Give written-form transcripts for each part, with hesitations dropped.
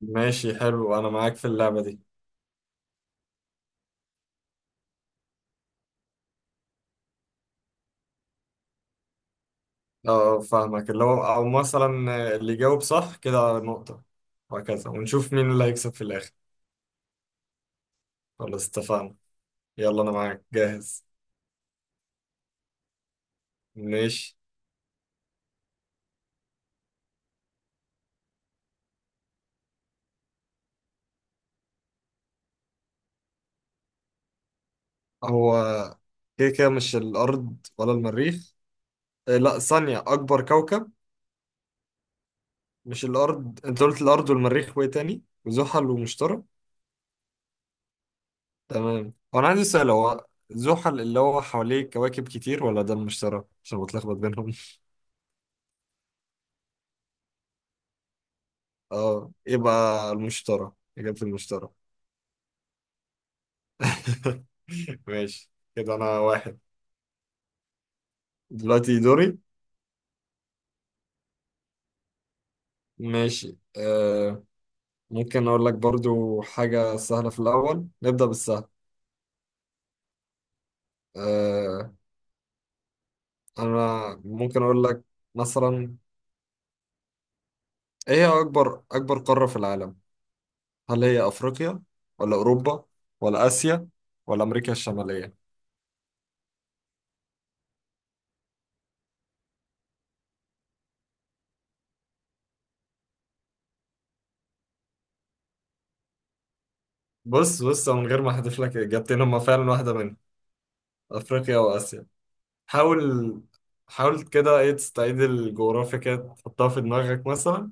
ماشي، حلو. انا معاك في اللعبة دي. فاهمك. اللي هو او مثلا اللي يجاوب صح كده نقطة، وهكذا ونشوف مين اللي هيكسب في الاخر. خلاص اتفقنا. يلا انا معاك جاهز. ماشي. هو كده كده مش الارض ولا المريخ. إيه، لا، ثانية اكبر كوكب. مش الارض؟ انت قلت الارض والمريخ وايه تاني وزحل ومشتري. تمام. وانا عندي سؤال، هو زحل اللي هو حواليه كواكب كتير ولا ده المشتري؟ عشان بتلخبط بينهم. اه يبقى المشترى. إجابة المشترى. ماشي كده أنا واحد. دلوقتي دوري. ماشي. ممكن أقول لك برضو حاجة سهلة في الأول، نبدأ بالسهل. آه أنا ممكن أقول لك، مثلا، إيه هي أكبر أكبر قارة في العالم؟ هل هي أفريقيا ولا أوروبا ولا آسيا ولا أمريكا الشمالية؟ بص بص، من غير ما أحذف لك إجابتين هما فعلا واحدة منهم، أفريقيا وآسيا. حاول. حاول كده ايه، تستعيد الجغرافيا كده تحطها في دماغك مثلا،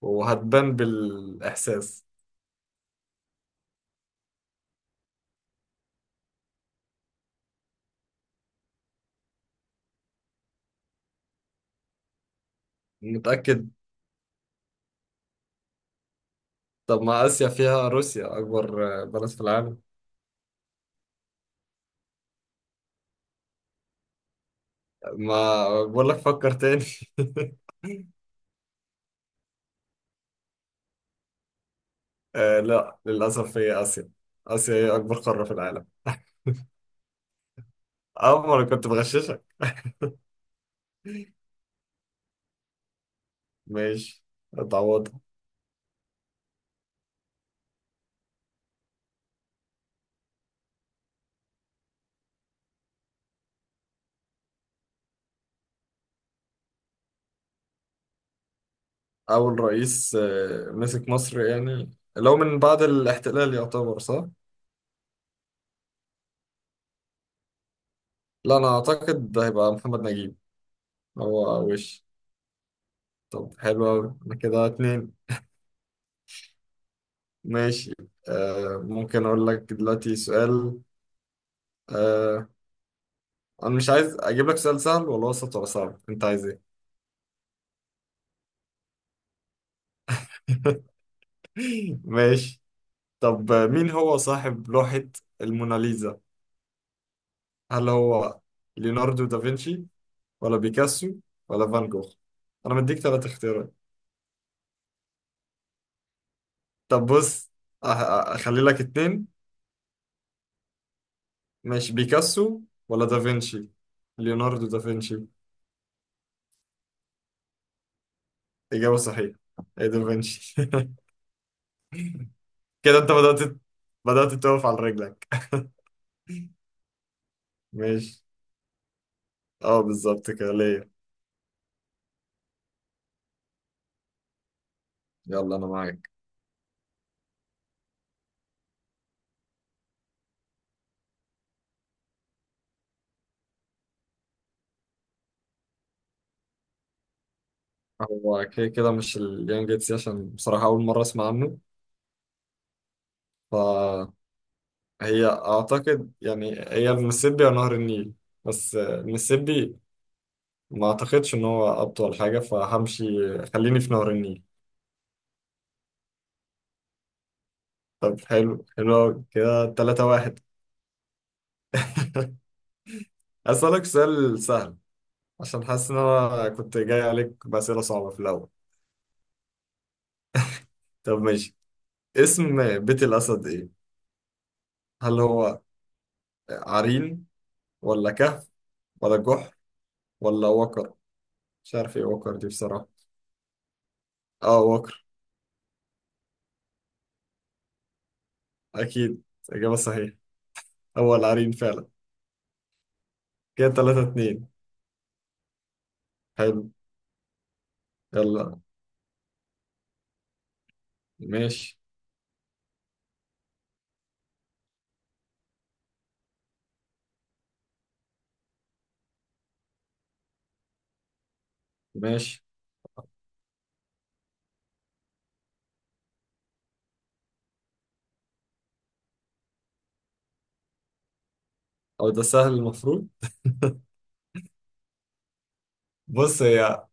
وهتبان بالإحساس. متأكد؟ طب ما آسيا فيها روسيا أكبر بلد في العالم. ما بقول لك فكر تاني. آه، لا، للأسف هي آسيا. آسيا هي أكبر قارة في العالم. أه، ما أنا كنت بغششك. ماشي. اتعوضها. أول رئيس مسك مصر، يعني لو من بعد الاحتلال يعتبر صح؟ لا، أنا أعتقد ده هيبقى محمد نجيب. هو وش. طب حلو أوي، أنا كده اتنين. ماشي. ممكن أقول لك دلوقتي سؤال. آه أنا مش عايز أجيب لك سؤال سهل ولا وسط ولا صعب، أنت عايز إيه؟ ماشي. طب مين هو صاحب لوحة الموناليزا؟ هل هو ليوناردو دافنشي ولا بيكاسو ولا فان جوخ؟ أنا مديك تلات اختيارات. طب بص، أه- أخلي لك اتنين. ماشي. بيكاسو ولا دافنشي؟ ليوناردو دافنشي. إجابة صحيحة. هي دافنشي. كده انت بدأت تقف على رجلك. ماشي. اه، بالظبط كده ليا. يلا انا معاك. هو كده كده مش اليانج جيتسي، عشان بصراحة أول مرة أسمع عنه. فهي أعتقد يعني هي المسيسيبي أو نهر النيل. بس المسيسيبي ما أعتقدش إن هو أطول حاجة فهمشي. خليني في نهر النيل. طب حلو حلو أوي. كده تلاتة واحد. أسألك سؤال سهل، عشان حاسس إن أنا كنت جاي عليك بأسئلة صعبة في الأول. طب ماشي. اسم بيت الأسد إيه؟ هل هو عرين ولا كهف ولا جحر ولا وكر؟ مش عارف ايه وكر دي بصراحة. اه، وكر. اكيد اجابة صحيحة. هو العرين فعلا. كده تلاتة اتنين. حلو. يلا. ماشي. ماشي. او ده سهل المفروض. بص، هي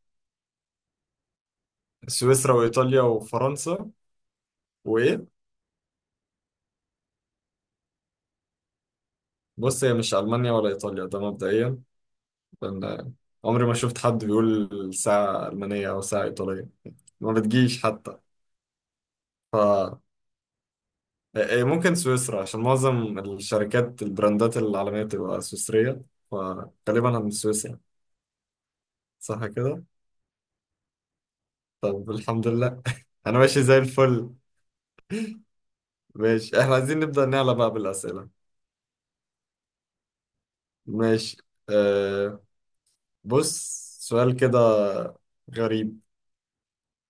سويسرا وايطاليا وفرنسا وايه. بص، هي مش المانيا ولا ايطاليا ده مبدئيا، لان عمري ما شفت حد بيقول ساعة ألمانية أو ساعة إيطالية. ما بتجيش حتى. ف إيه، ممكن سويسرا، عشان معظم الشركات البراندات العالمية بتبقى سويسرية، فغالبا هن سويسرا. صح كده؟ طب الحمد لله. أنا ماشي زي الفل. ماشي، إحنا عايزين نبدأ نعلى بقى بالأسئلة. ماشي. أه بص، سؤال كده غريب.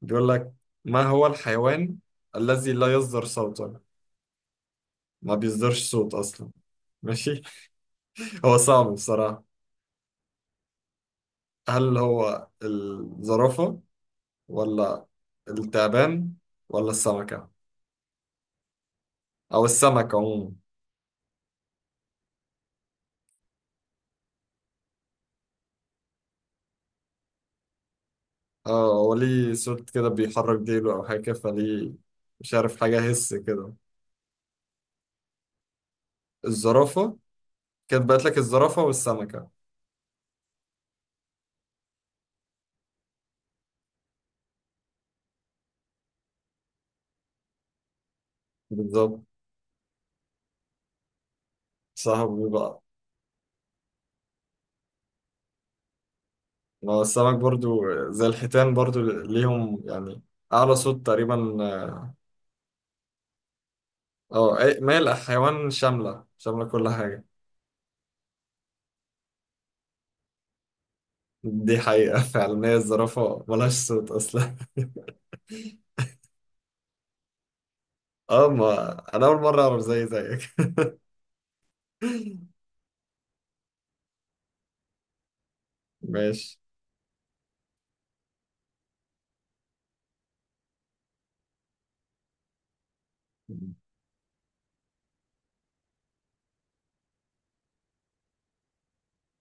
بيقول لك ما هو الحيوان الذي لا يصدر صوتا، ما بيصدرش صوت أصلا. ماشي. هو صعب بصراحة. هل هو الزرافة ولا التعبان ولا السمكة، أو السمك عموما؟ اه، هو ليه صوت كده بيحرك ديله أو حاجة، فليه. مش عارف حاجة هس كده. الزرافة. كانت بقت لك الزرافة والسمكة. بالظبط. صاحبي بقى. ما هو السمك برضو زي الحيتان برضو ليهم يعني أعلى صوت تقريبا، اه. ما هي الحيوان شاملة شاملة كل حاجة. دي حقيقة. فعلا هي الزرافة ملهاش صوت أصلا. اه، ما أنا أول مرة أعرف زي زيك. ماشي.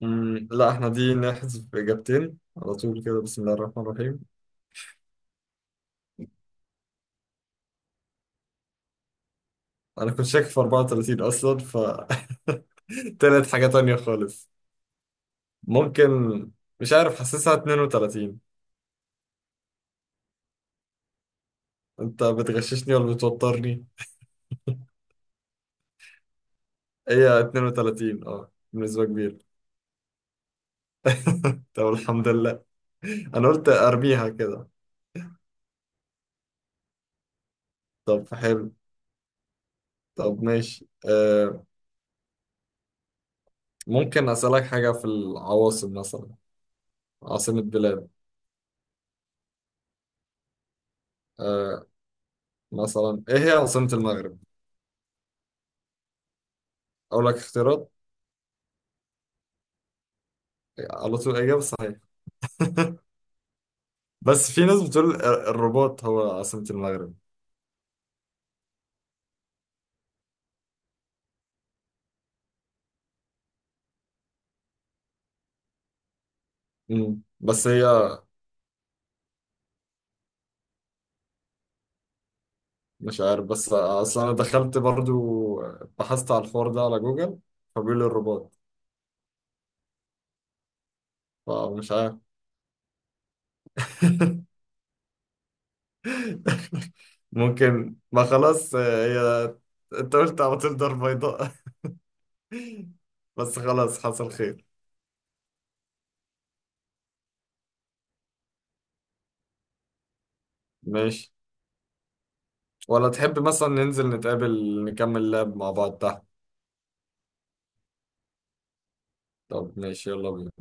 لا، احنا دي نحذف إجابتين على طول كده، بسم الله الرحمن الرحيم. أنا كنت شاك في 34 أصلا، طلعت حاجة تانية خالص. ممكن. مش عارف، حاسسها 32. أنت بتغششني ولا بتوترني؟ هي 32، بنسبة كبيرة. طب الحمد لله، أنا قلت أرميها كده. طب حلو. طب ماشي. ممكن أسألك حاجة في العواصم مثلا، عاصمة بلاد. آه مثلا ايه هي عاصمة المغرب؟ اقول لك اختيارات، على طول الاجابة صحيحة. بس في ناس بتقول الرباط هو عاصمة المغرب. مم. بس هي، مش عارف، بس اصل انا دخلت برضو، بحثت على الحوار ده على جوجل، فبيقول لي الرباط. فمش عارف. ممكن ما خلاص، هي انت قلت على طول دار بيضاء. بس خلاص حصل خير. ماشي. ولا تحب مثلا ننزل نتقابل نكمل لعب مع بعض تحت؟ طب ماشي، يلا بينا.